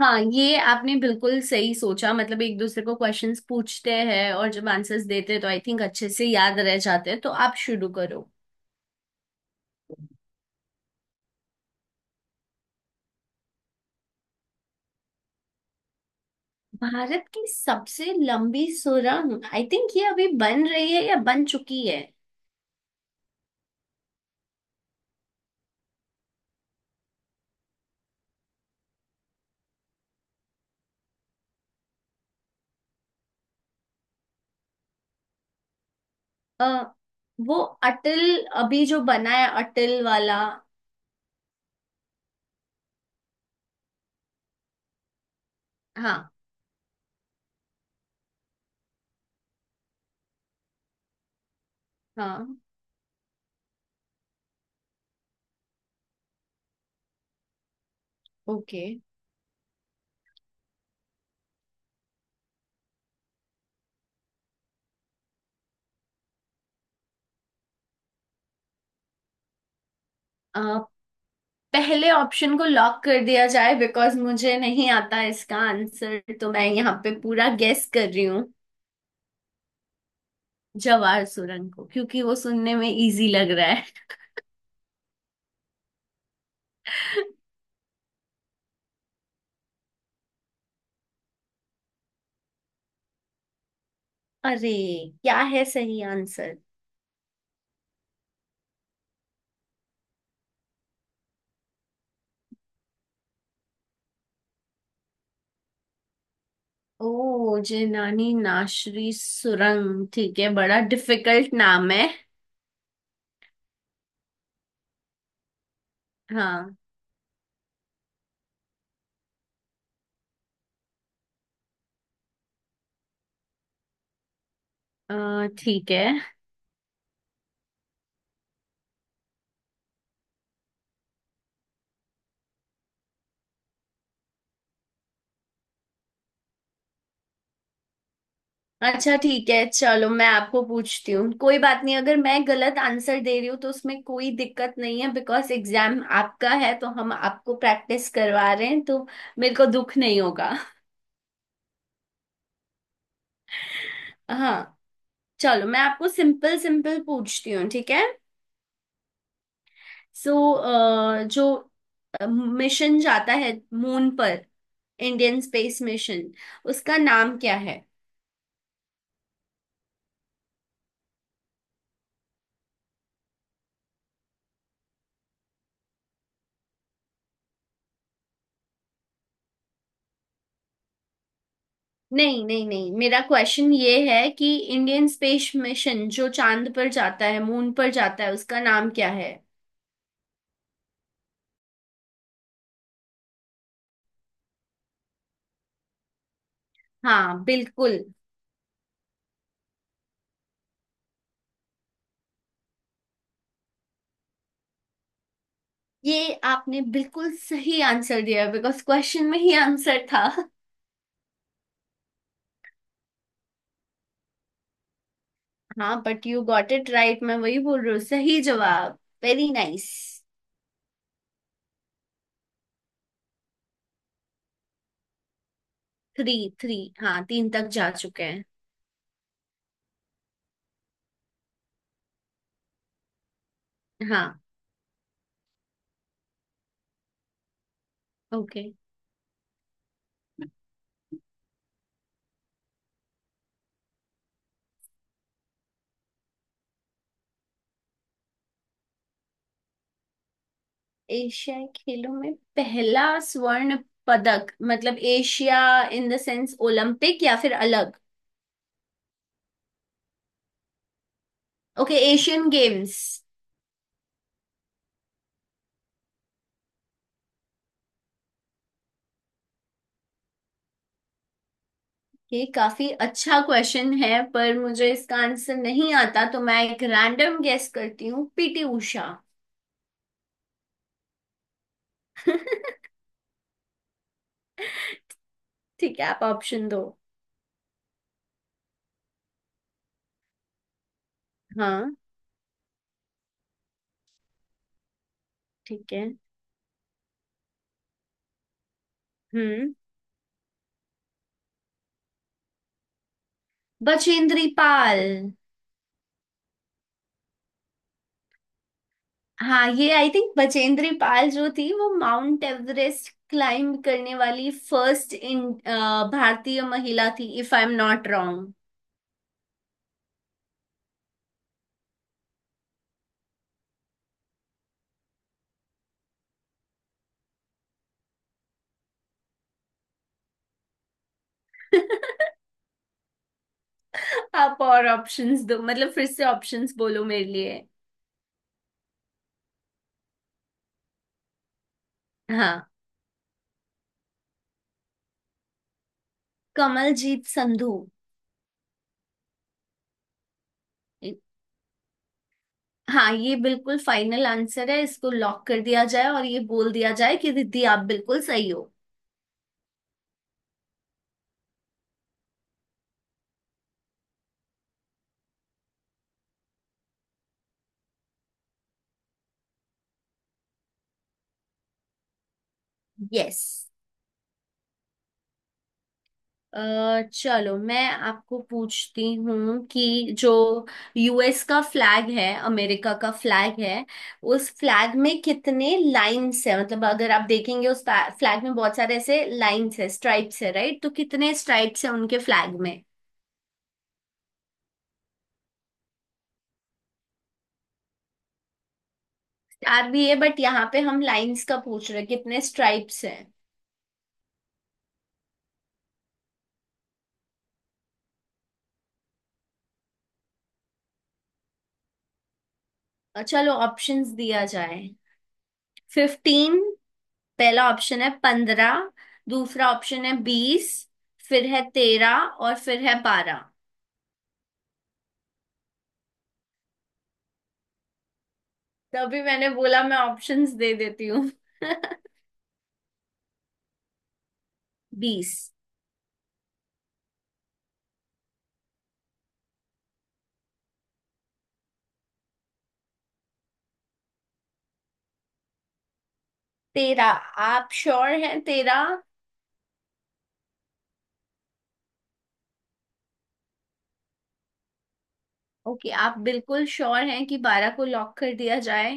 हाँ, ये आपने बिल्कुल सही सोचा। मतलब एक दूसरे को क्वेश्चंस पूछते हैं और जब आंसर्स देते हैं तो आई थिंक अच्छे से याद रह जाते हैं। तो आप शुरू करो। भारत की सबसे लंबी सुरंग आई थिंक ये अभी बन रही है या बन चुकी है। अ, वो अटल, अभी जो बना है अटल वाला। हाँ हाँ। ओके। अ, पहले ऑप्शन को लॉक कर दिया जाए बिकॉज मुझे नहीं आता इसका आंसर, तो मैं यहाँ पे पूरा गेस कर रही हूँ। जवार सुरंग को, क्योंकि वो सुनने में इजी लग रहा है। अरे, क्या है सही आंसर? ओ, जेनानी नाशरी सुरंग, ठीक है। बड़ा डिफिकल्ट नाम है। हाँ। ठीक है। अच्छा ठीक है, चलो मैं आपको पूछती हूँ। कोई बात नहीं, अगर मैं गलत आंसर दे रही हूँ तो उसमें कोई दिक्कत नहीं है बिकॉज एग्जाम आपका है, तो हम आपको प्रैक्टिस करवा रहे हैं तो मेरे को दुख नहीं होगा। हाँ, चलो मैं आपको सिंपल सिंपल पूछती हूँ, ठीक है? सो, जो मिशन जाता है मून पर, इंडियन स्पेस मिशन, उसका नाम क्या है? नहीं नहीं नहीं, मेरा क्वेश्चन ये है कि इंडियन स्पेस मिशन जो चांद पर जाता है, मून पर जाता है, उसका नाम क्या है? हाँ बिल्कुल। ये आपने बिल्कुल सही आंसर दिया बिकॉज क्वेश्चन में ही आंसर था। हाँ, but you got it right, मैं वही बोल रही हूँ सही जवाब। Very nice. थ्री। थ्री। हाँ, तीन तक जा चुके हैं। हाँ। ओके। एशियाई खेलों में पहला स्वर्ण पदक, मतलब Asia in the sense Olympic, या फिर अलग? Okay, Asian games. ये काफी अच्छा क्वेश्चन है, पर मुझे इसका आंसर नहीं आता, तो मैं एक रैंडम गेस करती हूँ, पीटी उषा। ठीक है, आप ऑप्शन दो। हाँ। ठीक है। हम्म। बचेंद्री पाल। हाँ, ये आई थिंक बचेंद्री पाल जो थी वो माउंट एवरेस्ट क्लाइंब करने वाली फर्स्ट इन भारतीय महिला थी, if I am not wrong. आप और ऑप्शंस दो, मतलब फिर से ऑप्शंस बोलो मेरे लिए। हाँ। कमलजीत संधू। हाँ, ये बिल्कुल फाइनल आंसर है, इसको लॉक कर दिया जाए, और ये बोल दिया जाए कि दीदी, आप बिल्कुल सही हो। यस। चलो मैं आपको पूछती हूँ कि जो यूएस का फ्लैग है, अमेरिका का फ्लैग है, उस फ्लैग में कितने लाइन्स है? मतलब अगर आप देखेंगे, उस फ्लैग में बहुत सारे ऐसे लाइन्स है, स्ट्राइप्स है, राइट? तो कितने स्ट्राइप्स है उनके फ्लैग में? स्टार भी है, बट यहाँ पे हम लाइन्स का पूछ रहे हैं, कितने स्ट्राइप्स है? चलो ऑप्शंस दिया जाए। फिफ्टीन। पहला ऑप्शन है पंद्रह। दूसरा ऑप्शन है बीस। फिर है तेरह, और फिर है बारह। तभी मैंने बोला, मैं ऑप्शंस दे देती हूँ। बीस। तेरा। आप श्योर हैं तेरा? ओके, आप बिल्कुल श्योर हैं कि बारह को लॉक कर दिया जाए?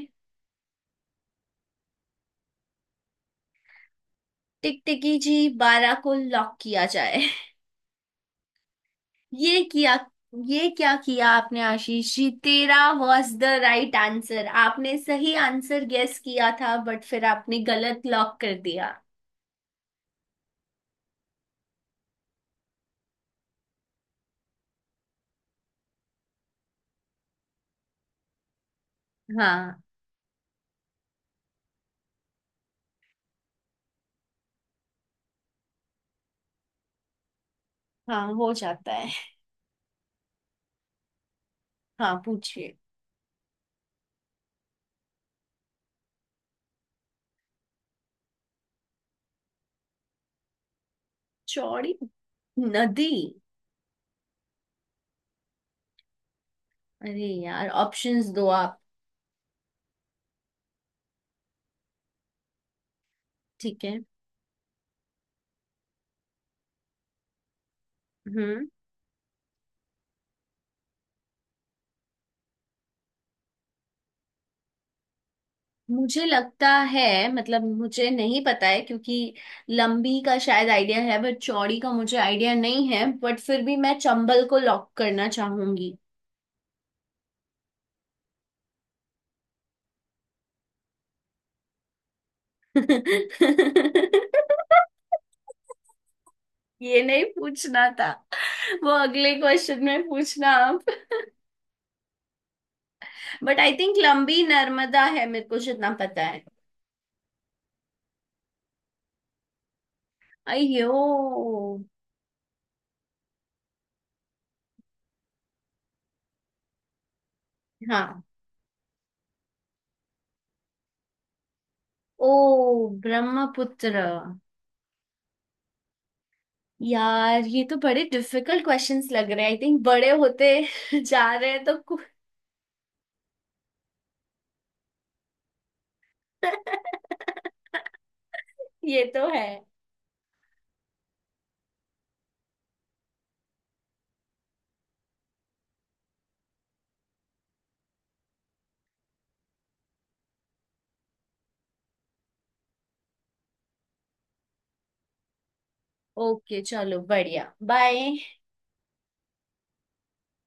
टिकटिकी जी, बारह को लॉक किया जाए। ये किया! ये क्या किया आपने आशीष जी, तेरा वॉज द राइट आंसर, आपने सही आंसर गेस किया था बट फिर आपने गलत लॉक कर दिया। हाँ। हाँ, हो जाता है। हाँ, पूछिए। चौड़ी नदी? अरे यार, ऑप्शंस दो आप। ठीक है। हम्म। मुझे लगता है, मतलब मुझे नहीं पता है क्योंकि लंबी का शायद आइडिया है बट चौड़ी का मुझे आइडिया नहीं है, बट फिर भी मैं चंबल को लॉक करना चाहूंगी। ये नहीं पूछना था, वो अगले क्वेश्चन में पूछना आप। बट आई थिंक लंबी नर्मदा है, मेरे को जितना पता है। अयो। हाँ। ओ, ब्रह्मपुत्र। यार, ये तो बड़े डिफिकल्ट क्वेश्चंस लग रहे हैं, आई थिंक बड़े होते जा रहे हैं तो कु- ये तो है। ओके, चलो बढ़िया, बाय।